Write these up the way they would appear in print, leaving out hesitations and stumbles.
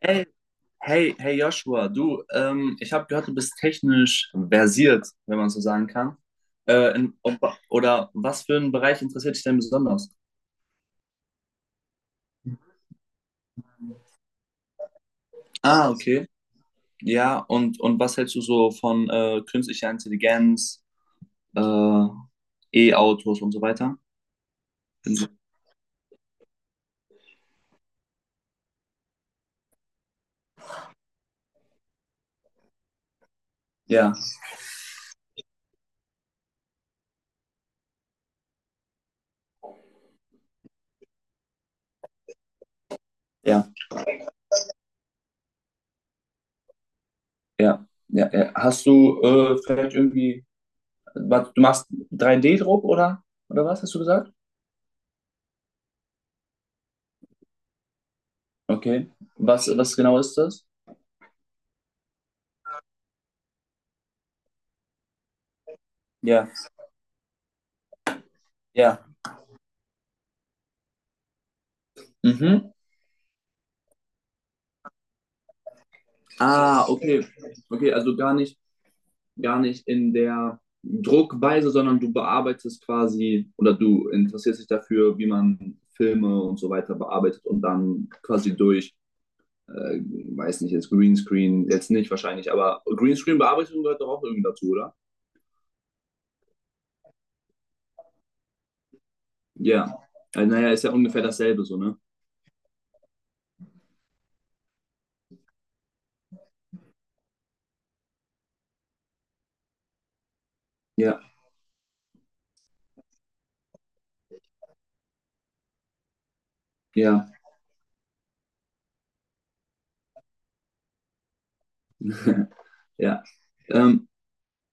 Hey, hey Joshua, du, ich habe gehört, du bist technisch versiert, wenn man so sagen kann. Äh, in, ob, oder was für einen Bereich interessiert dich denn besonders? Ah, okay. Ja, und was hältst du so von künstlicher Intelligenz, äh, E-Autos und so weiter? Ja, ja, ja, ja, ja. Hast du du machst 3D-Druck oder was hast du gesagt? Okay. Was genau ist das? Ja, ja. Mhm. Ah, okay. Okay, also gar nicht in der Druckweise, sondern du bearbeitest quasi oder du interessierst dich dafür, wie man Filme und so weiter bearbeitet und dann quasi äh, weiß nicht, jetzt Greenscreen, jetzt nicht wahrscheinlich, aber Greenscreen-Bearbeitung gehört doch auch irgendwie dazu, oder? Ja. Also, naja, ist ja ungefähr dasselbe so, ne? Ja, ja, ja. Ähm,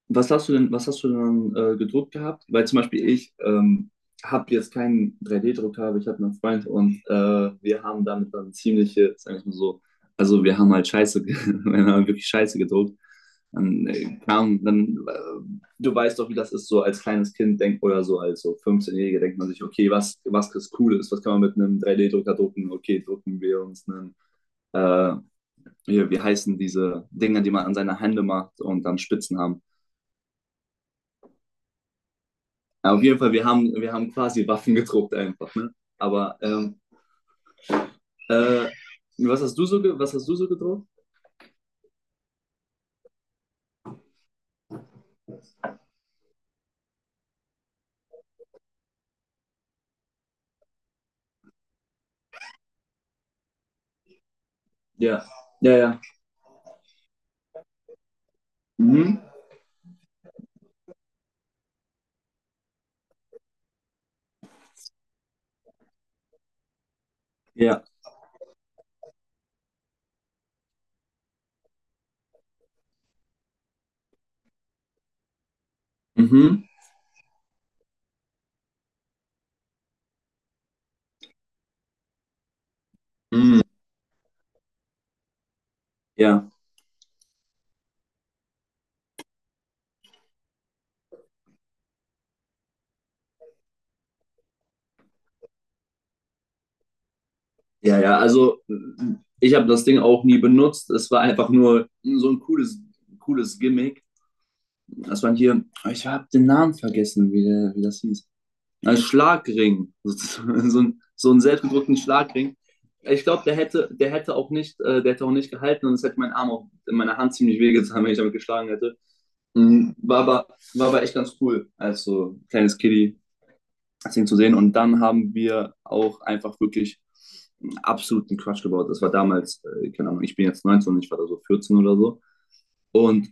was hast du denn gedruckt gehabt? Weil zum Beispiel ich habe jetzt keinen 3D-Drucker, aber ich habe einen Freund und wir haben damit dann ziemliche, sag ich mal so, also wir haben halt wir haben halt wirklich Scheiße gedruckt. Dann, kam, dann Du weißt doch, wie das ist, so als kleines Kind denkt oder so als so 15-Jähriger denkt man sich, okay, was ist cool ist, was kann man mit einem 3D-Drucker drucken? Okay, drucken wir uns einen, äh, hier, wie heißen diese Dinger, die man an seine Hände macht und dann Spitzen haben. Ja, auf jeden Fall, wir haben quasi Waffen gedruckt einfach, ne? Aber äh, was hast du so gedruckt? Ja. Ja, ja. Mhm. Ja. Mhm. Mhm. Ja. Ja, ja. Also ich habe das Ding auch nie benutzt. Es war einfach nur so ein cooles Gimmick. Das waren hier, ich habe den Namen vergessen, wie das hieß. Ein Schlagring, so ein, so einen selbstgedruckten Schlagring. Ich glaube, der hätte auch nicht gehalten und es hätte mein Arm auch in meiner Hand ziemlich wehgetan, wenn ich damit geschlagen hätte. Mhm. War aber echt ganz cool, als so kleines Kiddie das Ding zu sehen. Und dann haben wir auch einfach wirklich einen absoluten Quatsch gebaut. Das war damals, keine Ahnung, ich bin jetzt 19, und ich war da so 14 oder so. Und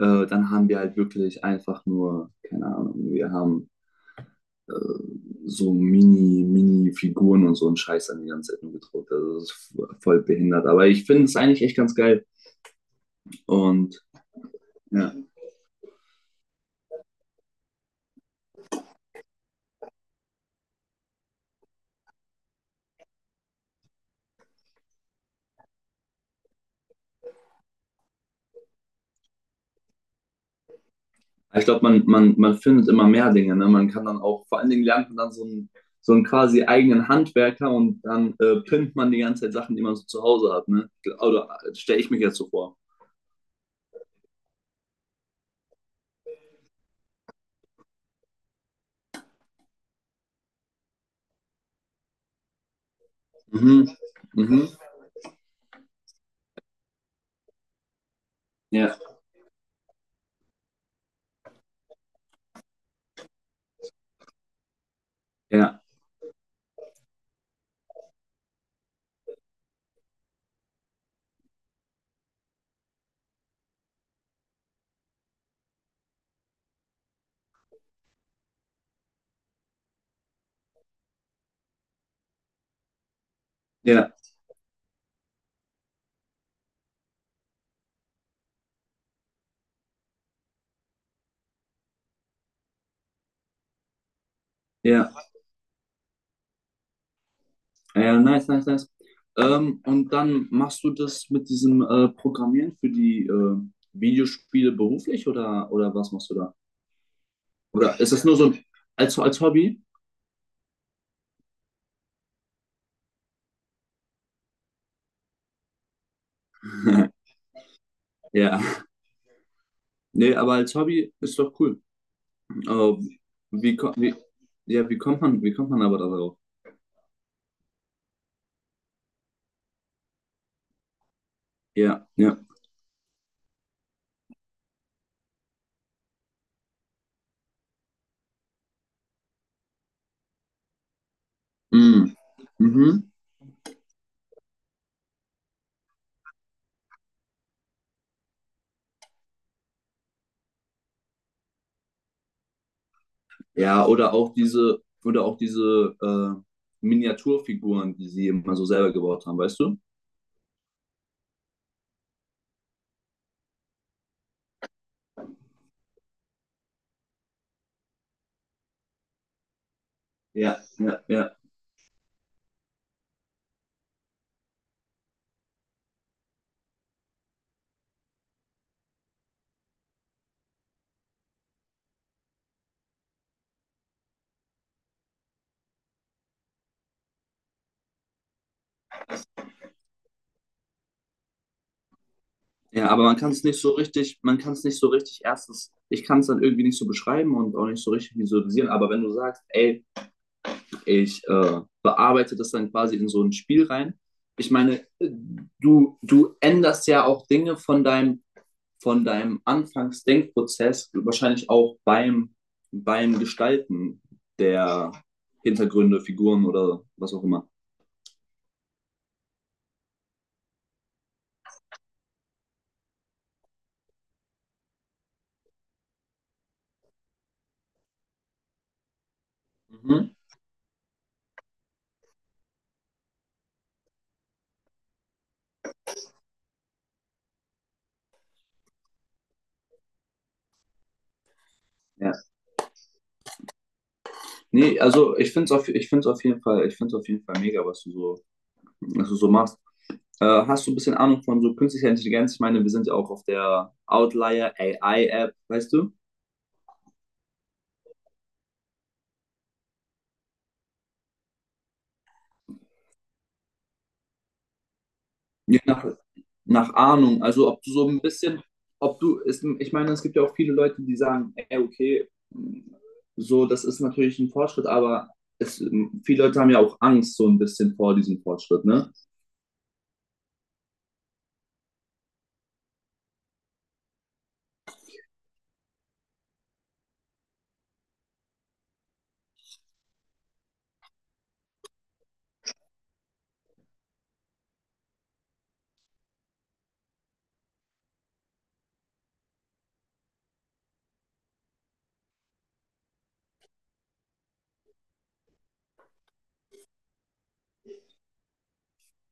dann haben wir halt wirklich einfach nur, keine Ahnung, wir haben äh, so Mini-Figuren und so einen Scheiß an die ganze Zeit nur gedruckt. Also das ist voll behindert. Aber ich finde es eigentlich echt ganz geil. Und ja, ich glaube, man findet immer mehr Dinge. Ne? Man kann dann auch, vor allen Dingen lernt man dann so einen quasi eigenen Handwerker und dann pimpt man die ganze Zeit Sachen, die man so zu Hause hat. Ne? Oder stelle ich mich jetzt so vor. Mhm. Mhm. Ja, ja, ja, ja. Ja, ja, nice, nice, nice. Und dann machst du das mit diesem Programmieren für die Videospiele beruflich oder was machst du da? Oder ist das nur so ein, als Hobby? Ja. Nee, aber als Hobby ist doch cool. Aber wie, ko- wie, ja, wie kommt man aber darauf? Ja, ja. Mm. Mhm. Ja, oder auch diese Miniaturfiguren, die sie eben mal so selber gebaut haben, weißt du? Ja, ja. Ja. Ja, aber man kann es nicht so richtig, erstens, ich kann es dann irgendwie nicht so beschreiben und auch nicht so richtig visualisieren, aber wenn du sagst, ey, ich bearbeite das dann quasi in so ein Spiel rein, ich meine, du änderst ja auch Dinge von deinem Anfangsdenkprozess, wahrscheinlich auch beim, beim Gestalten der Hintergründe, Figuren oder was auch immer. Mhm. Ja. Nee, also ich find's auf jeden Fall mega, was du so machst. Hast du ein bisschen Ahnung von so künstlicher Intelligenz? Ich meine, wir sind ja auch auf der Outlier AI App, weißt du? Je nach, nach Ahnung. Also ob du so ein bisschen, ob du, ist, ich meine, es gibt ja auch viele Leute, die sagen, ey, okay, so, das ist natürlich ein Fortschritt, aber es, viele Leute haben ja auch Angst so ein bisschen vor diesem Fortschritt, ne?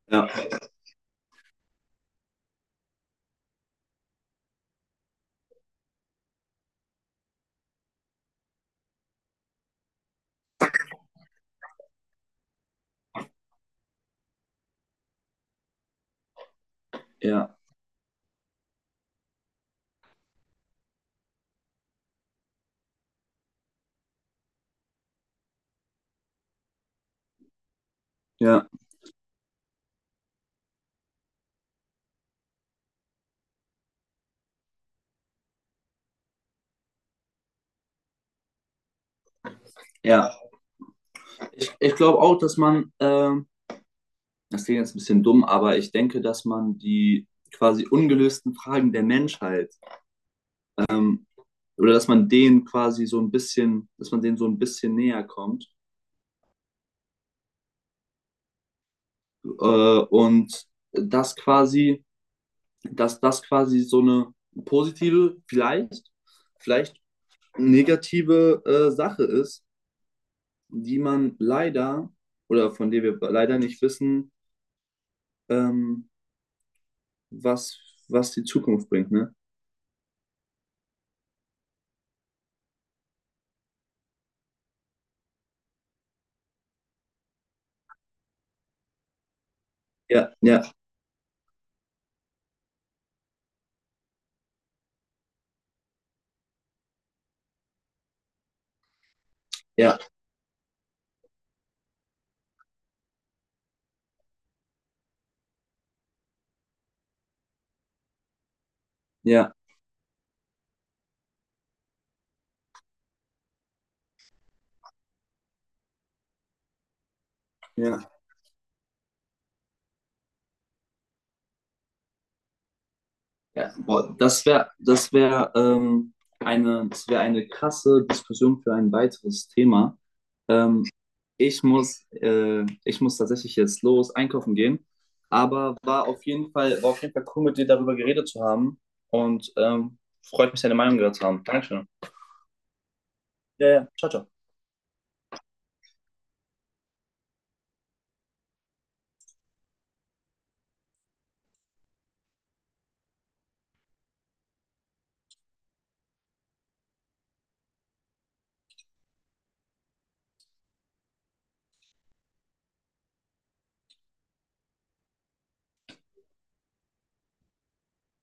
Ja, ja, ja, ja. Ich glaube auch, dass man, das klingt jetzt ein bisschen dumm, aber ich denke, dass man die quasi ungelösten Fragen der Menschheit ähm, oder dass man denen quasi so ein bisschen, dass man denen so ein bisschen näher kommt. Äh, und das quasi, dass das quasi so eine positive, vielleicht, vielleicht negative Sache ist, die man leider oder von der wir leider nicht wissen, ähm, was, was die Zukunft bringt, ne? Ja, ja, ja, ja, Ja, boah, das wäre das wäre eine krasse Diskussion für ein weiteres Thema. Ähm, Ich muss tatsächlich jetzt los einkaufen gehen, aber war auf jeden Fall cool, mit dir darüber geredet zu haben und freut mich, deine Meinung gehört zu haben. Dankeschön. Ja, ja. Ciao, ciao.